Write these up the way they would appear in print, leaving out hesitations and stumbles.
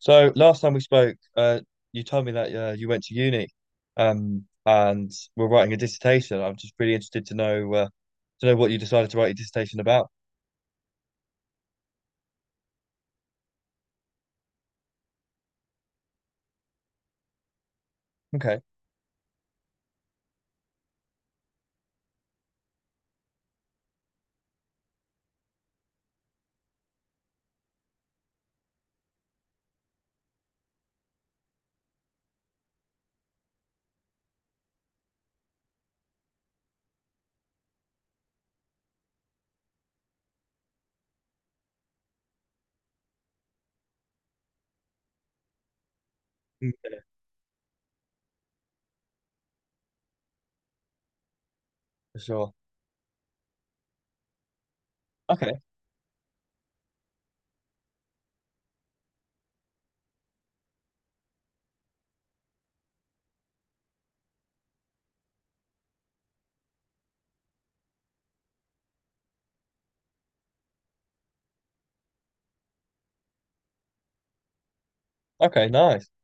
So last time we spoke, you told me that you went to uni, and were writing a dissertation. I'm just really interested to know what you decided to write your dissertation about. Okay. Mm. For sure. Okay. Okay, nice.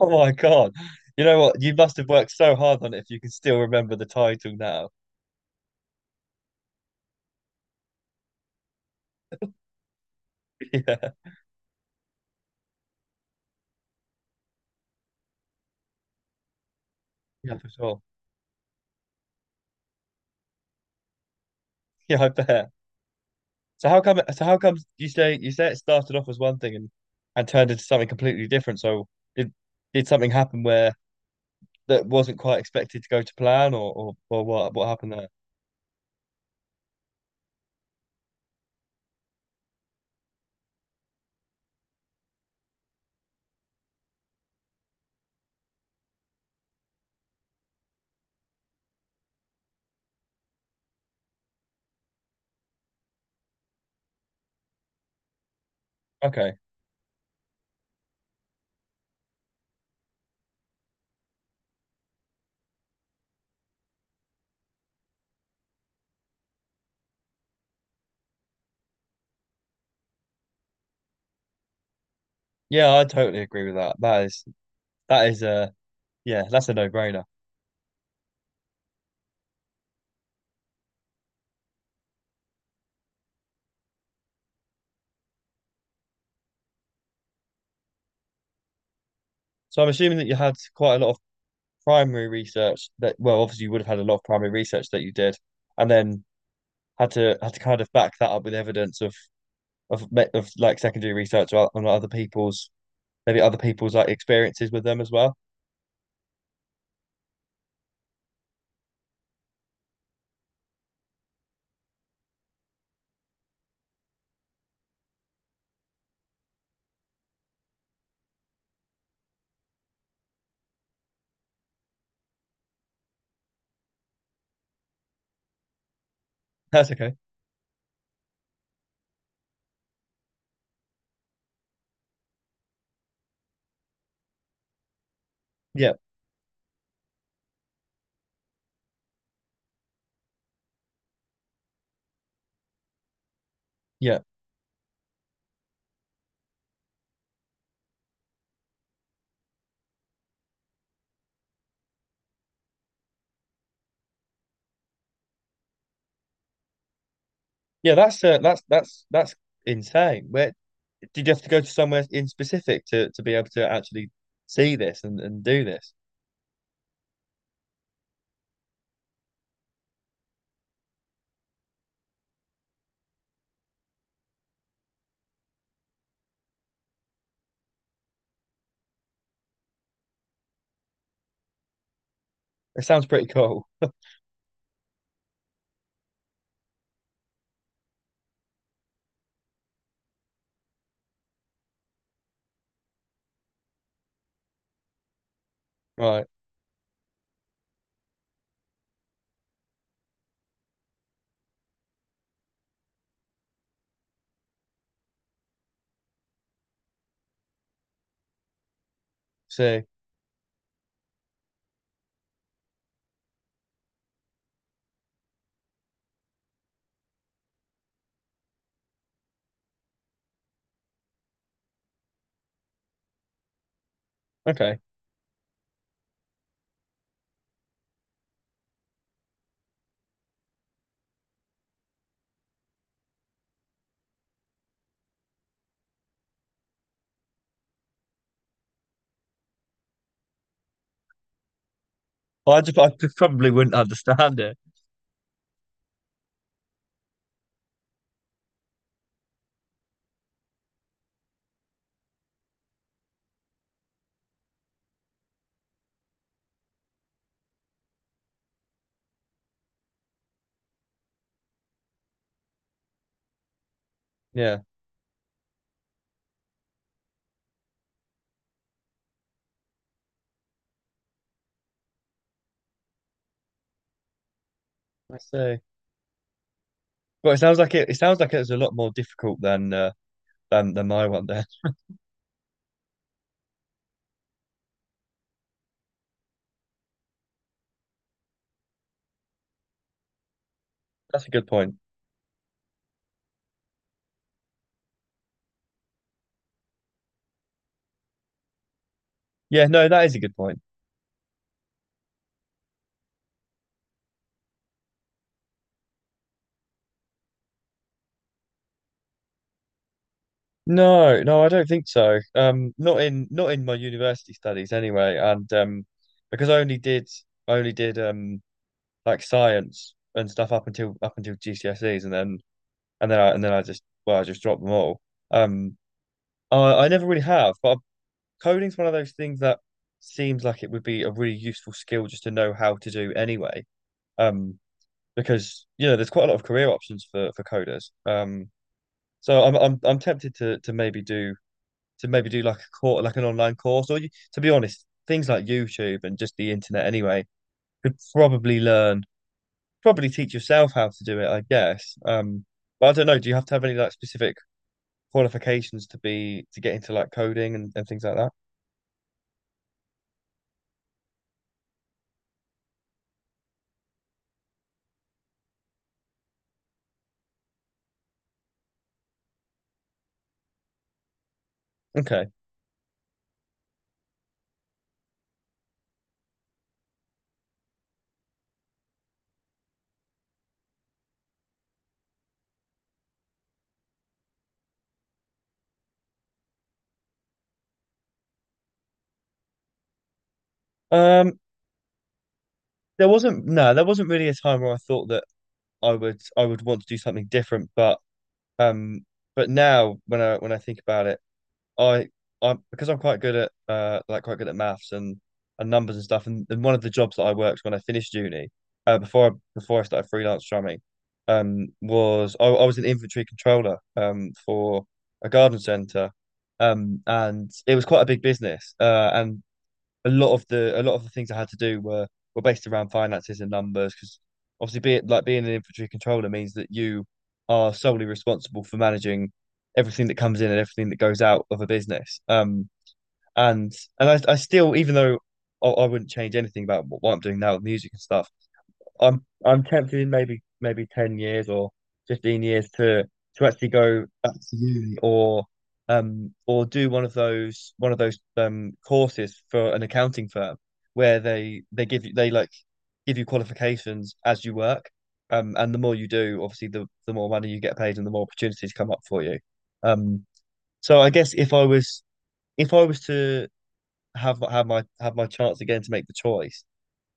Oh my God, you know what? You must have worked so hard on it if you can still remember the title now. Yeah. Yeah, for sure. Yeah, I bet. So how come? So how come you say it started off as one thing and turned into something completely different? So did did something happen where that wasn't quite expected to go to plan, or what happened there? Okay. Yeah, I totally agree with that. That is yeah, that's a no-brainer. So I'm assuming that you had quite a lot of primary research that, well, obviously you would have had a lot of primary research that you did, and then had to kind of back that up with evidence of of like secondary research on other people's, maybe other people's like experiences with them as well. That's okay. Yeah, yeah, yeah. That's that's insane. Where, did you have to go to somewhere in specific to be able to actually see this and do this? It sounds pretty cool. Right. So okay. Well, I just probably wouldn't understand it. Yeah. I see. Well, it sounds like it. It sounds like it was a lot more difficult than my one. There, that's a good point. Yeah, no, that is a good point. No, no, I don't think so. Not in not in my university studies anyway, and because I only did like science and stuff up until GCSEs, and then and then I just, well, I just dropped them all. Um, I never really have, but coding's one of those things that seems like it would be a really useful skill just to know how to do anyway. Um, because you know there's quite a lot of career options for coders. So I'm tempted to maybe do like a course, like an online course, or, you, to be honest, things like YouTube and just the internet anyway could probably learn probably teach yourself how to do it I guess. But I don't know. Do you have to have any like specific qualifications to be to get into like coding and things like that? Okay. Um, there wasn't, no, there wasn't really a time where I thought that I would want to do something different, um, but now when I think about it, I, because I'm quite good at like quite good at maths and numbers and stuff and one of the jobs that I worked when I finished uni, before before I started freelance drumming was I was an inventory controller for a garden centre um, and it was quite a big business uh, and a lot of the, a lot of the things I had to do were based around finances and numbers because obviously being like being an infantry controller means that you are solely responsible for managing everything that comes in and everything that goes out of a business. And and I still, even though I wouldn't change anything about what I'm doing now with music and stuff, I'm tempted in maybe maybe 10 years or 15 years to actually go back to uni, or do one of those, one of those courses for an accounting firm where they give you, they like give you qualifications as you work, and the more you do, obviously the more money you get paid and the more opportunities come up for you, um so I guess if I was to have my, have my chance again to make the choice,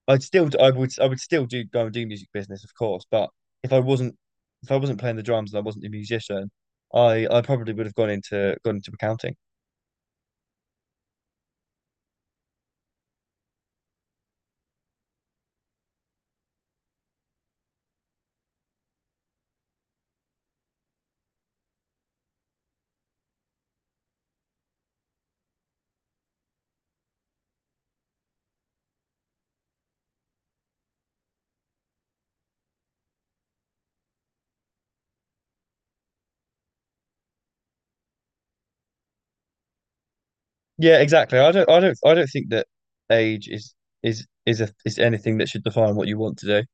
I'd still, I would still do, go and do music business, of course. But if I wasn't, if I wasn't playing the drums and I wasn't a musician, I probably would have gone into accounting. Yeah, exactly. I don't think that age is a is anything that should define what you want to do.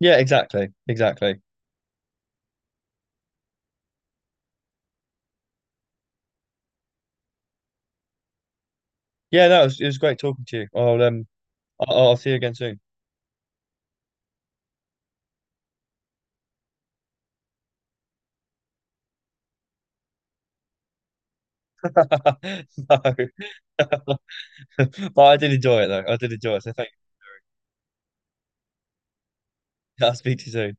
Yeah, exactly, exactly. Yeah, no, it was great talking to you. I'll I'll see you again soon. No. But I did enjoy it though. I did enjoy it. So thank you. I'll speak to you soon.